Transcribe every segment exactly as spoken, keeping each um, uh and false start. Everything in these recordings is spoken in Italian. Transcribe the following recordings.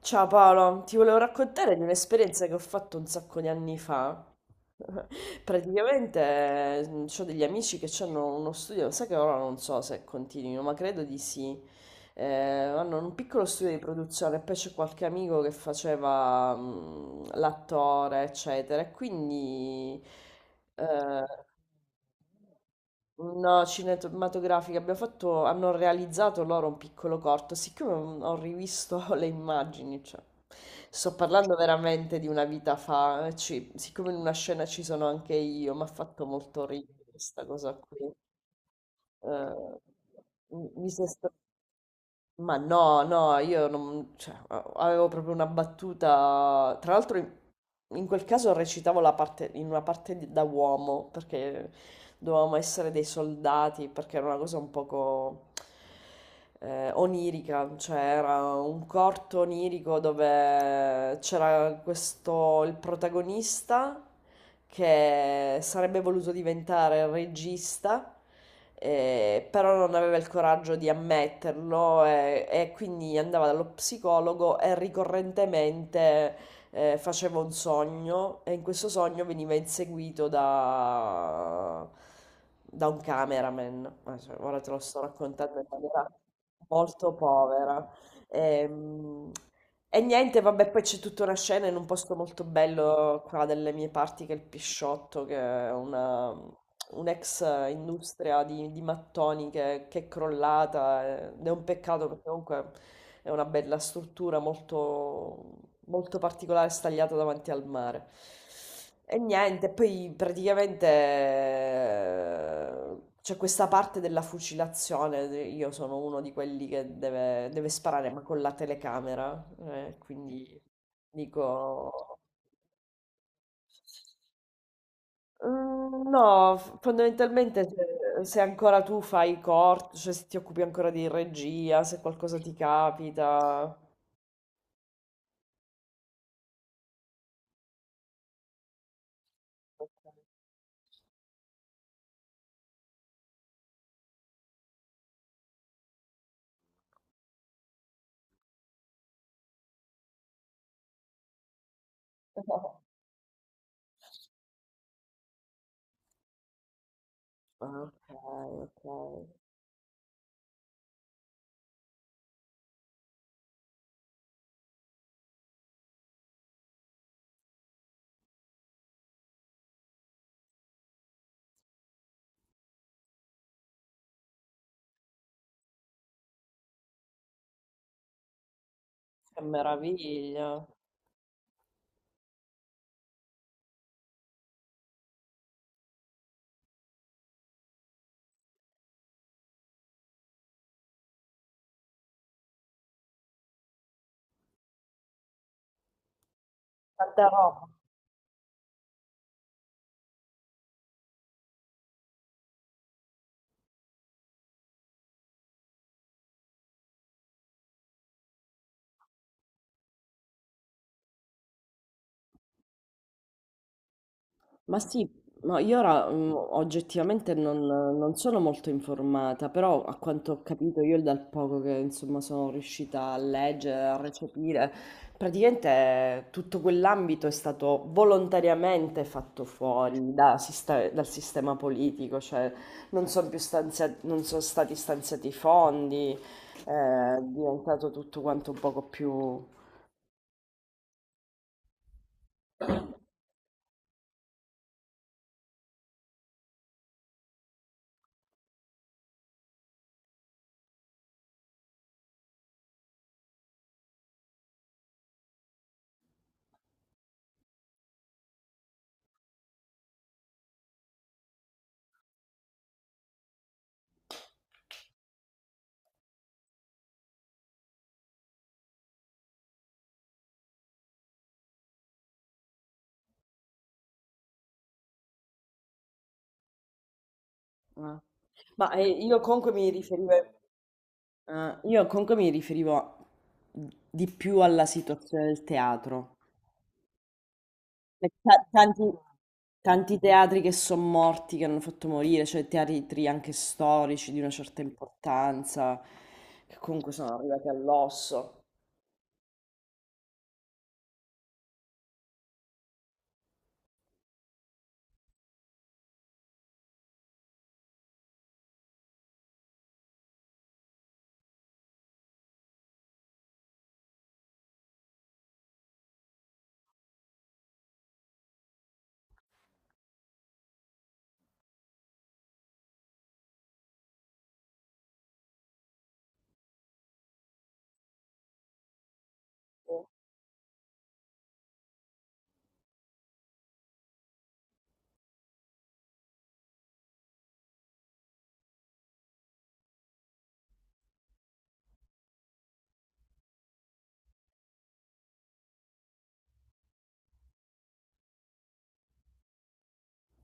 Ciao Paolo, ti volevo raccontare di un'esperienza che ho fatto un sacco di anni fa. Praticamente ho degli amici che hanno uno studio, sai che ora non so se continuino, ma credo di sì. Eh, hanno un piccolo studio di produzione, poi c'è qualche amico che faceva mm, l'attore, eccetera. e Quindi eh, No, cinematografica, abbiamo fatto, hanno realizzato loro un piccolo corto, siccome ho rivisto le immagini, cioè, sto parlando veramente di una vita fa, eh, ci- siccome in una scena ci sono anche io, mi ha fatto molto ridere questa cosa qui. Eh, mi mi si è ma no, No, io non, cioè, avevo proprio una battuta. Tra l'altro, in, in quel caso recitavo la parte, in una parte di- da uomo, perché dovevamo essere dei soldati, perché era una cosa un poco eh, onirica, cioè era un corto onirico dove c'era questo, il protagonista che sarebbe voluto diventare regista, eh, però non aveva il coraggio di ammetterlo e, e quindi andava dallo psicologo e ricorrentemente eh, faceva un sogno e in questo sogno veniva inseguito da, da un cameraman. Eh, cioè, ora te lo sto raccontando in maniera molto povera. Ehm, e niente, vabbè, poi c'è tutta una scena in un posto molto bello qua delle mie parti, che è il Pisciotto, che è una, un'ex industria di, di mattoni che, che è crollata. eh, Ed è un peccato perché comunque è una bella struttura molto, molto particolare stagliata davanti al mare. E niente, poi praticamente eh, c'è questa parte della fucilazione, io sono uno di quelli che deve, deve sparare ma con la telecamera, eh, quindi dico... "Mm, No, f- fondamentalmente se, se ancora tu fai corto, cioè se ti occupi ancora di regia, se qualcosa ti capita. Ok, ok. Ok. Che meraviglia, tanta roba. Ma sì, ma io ora mm, oggettivamente non, non sono molto informata, però a quanto ho capito io dal poco che insomma sono riuscita a leggere, a recepire, praticamente tutto quell'ambito è stato volontariamente fatto fuori da siste- dal sistema politico, cioè non sono più stanzia- non sono stati stanziati i fondi, eh, è diventato tutto quanto un poco più... Ah. Ma eh, io comunque mi riferivo, eh, io comunque mi riferivo di più alla situazione del teatro. E ta- Tanti, Tanti teatri che sono morti, che hanno fatto morire, cioè teatri anche storici di una certa importanza, che comunque sono arrivati all'osso.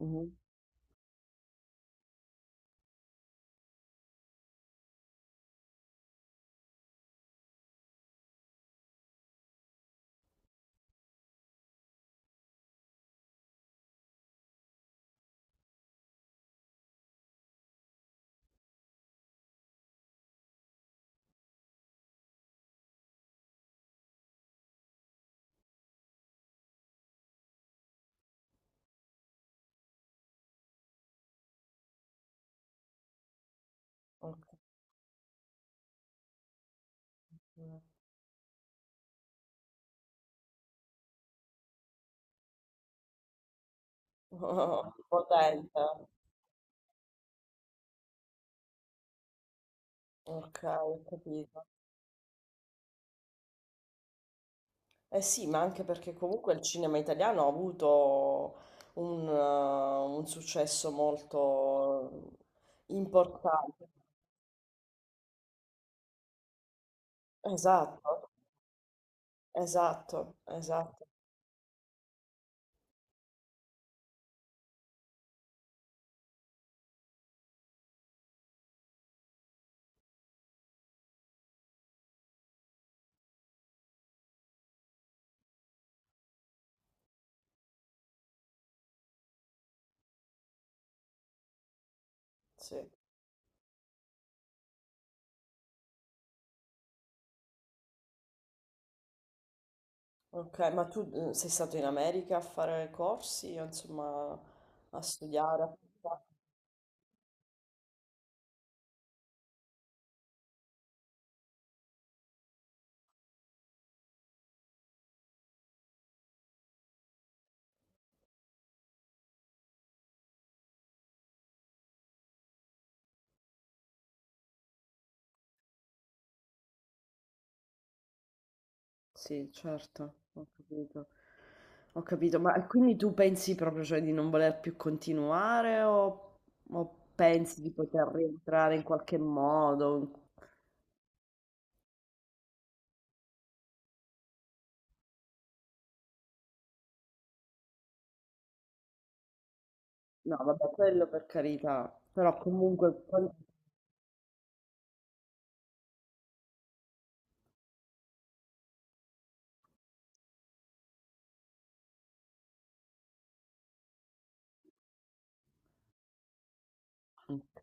Mhm. Ok. Potente. Ok, ho capito. Eh sì, ma anche perché comunque il cinema italiano ha avuto un, eh, un successo molto importante. Esatto, esatto, esatto, sì. Ok, ma tu eh, sei stato in America a fare corsi, insomma, a studiare? Sì, certo, ho capito. Ho capito, ma e quindi tu pensi proprio, cioè, di non voler più continuare, o, o pensi di poter rientrare in qualche modo? No, vabbè, quello per carità, però comunque... Ok.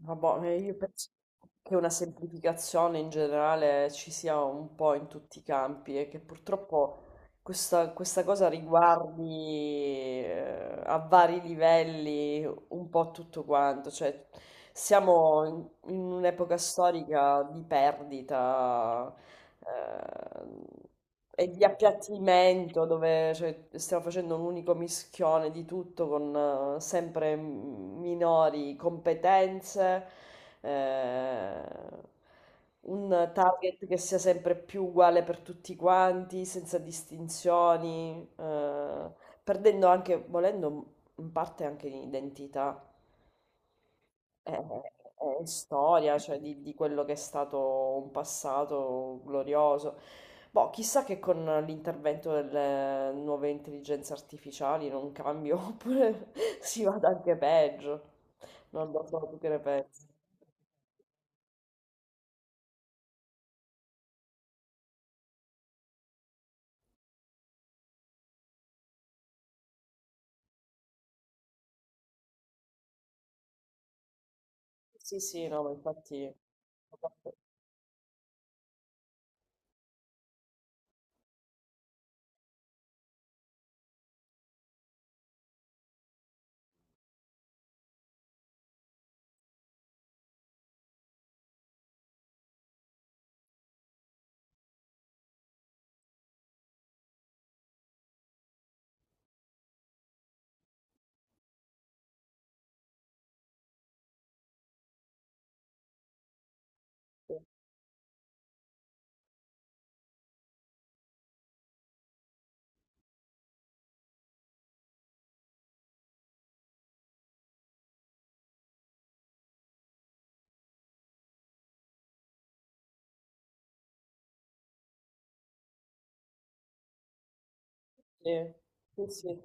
Vabbè, eh, io penso che una semplificazione in generale ci sia un po' in tutti i campi e che purtroppo questa, questa cosa riguardi eh, a vari livelli un po' tutto quanto, cioè siamo in, in un'epoca storica di perdita eh, e di appiattimento dove cioè, stiamo facendo un unico mischione di tutto con eh, sempre minori competenze, eh, un target che sia sempre più uguale per tutti quanti, senza distinzioni. Eh, perdendo anche, volendo, in parte anche di identità e, e storia, cioè di, di quello che è stato un passato glorioso. Boh, chissà che con l'intervento delle nuove intelligenze artificiali non cambio, oppure si vada anche peggio. Non lo so, tu che ne pensi? Sì, sì, no, ma infatti... Sì, sì, sì.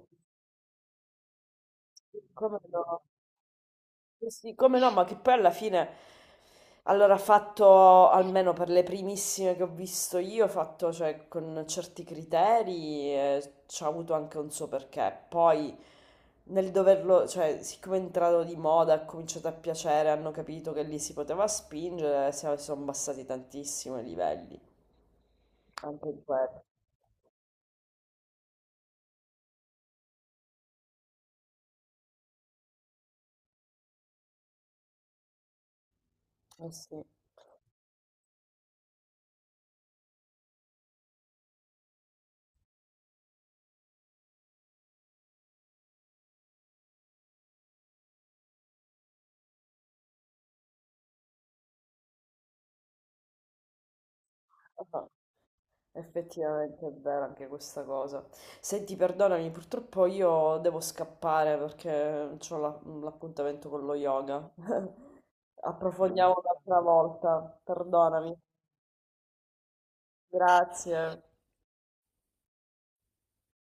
Sì, come no? Sì, sì, come no, ma che poi alla fine, allora, ha fatto, almeno per le primissime che ho visto io, ha fatto, cioè, con certi criteri, eh, ci ha avuto anche un suo perché. Poi, nel doverlo, cioè, siccome è entrato di moda, ha cominciato a piacere, hanno capito che lì si poteva spingere, si sono abbassati tantissimo i livelli, anche in quello. Eh sì. Ah, ah. Effettivamente è vera anche questa cosa. Senti, perdonami, purtroppo io devo scappare perché ho la- l'appuntamento con lo yoga. Approfondiamo un'altra volta, perdonami. Grazie.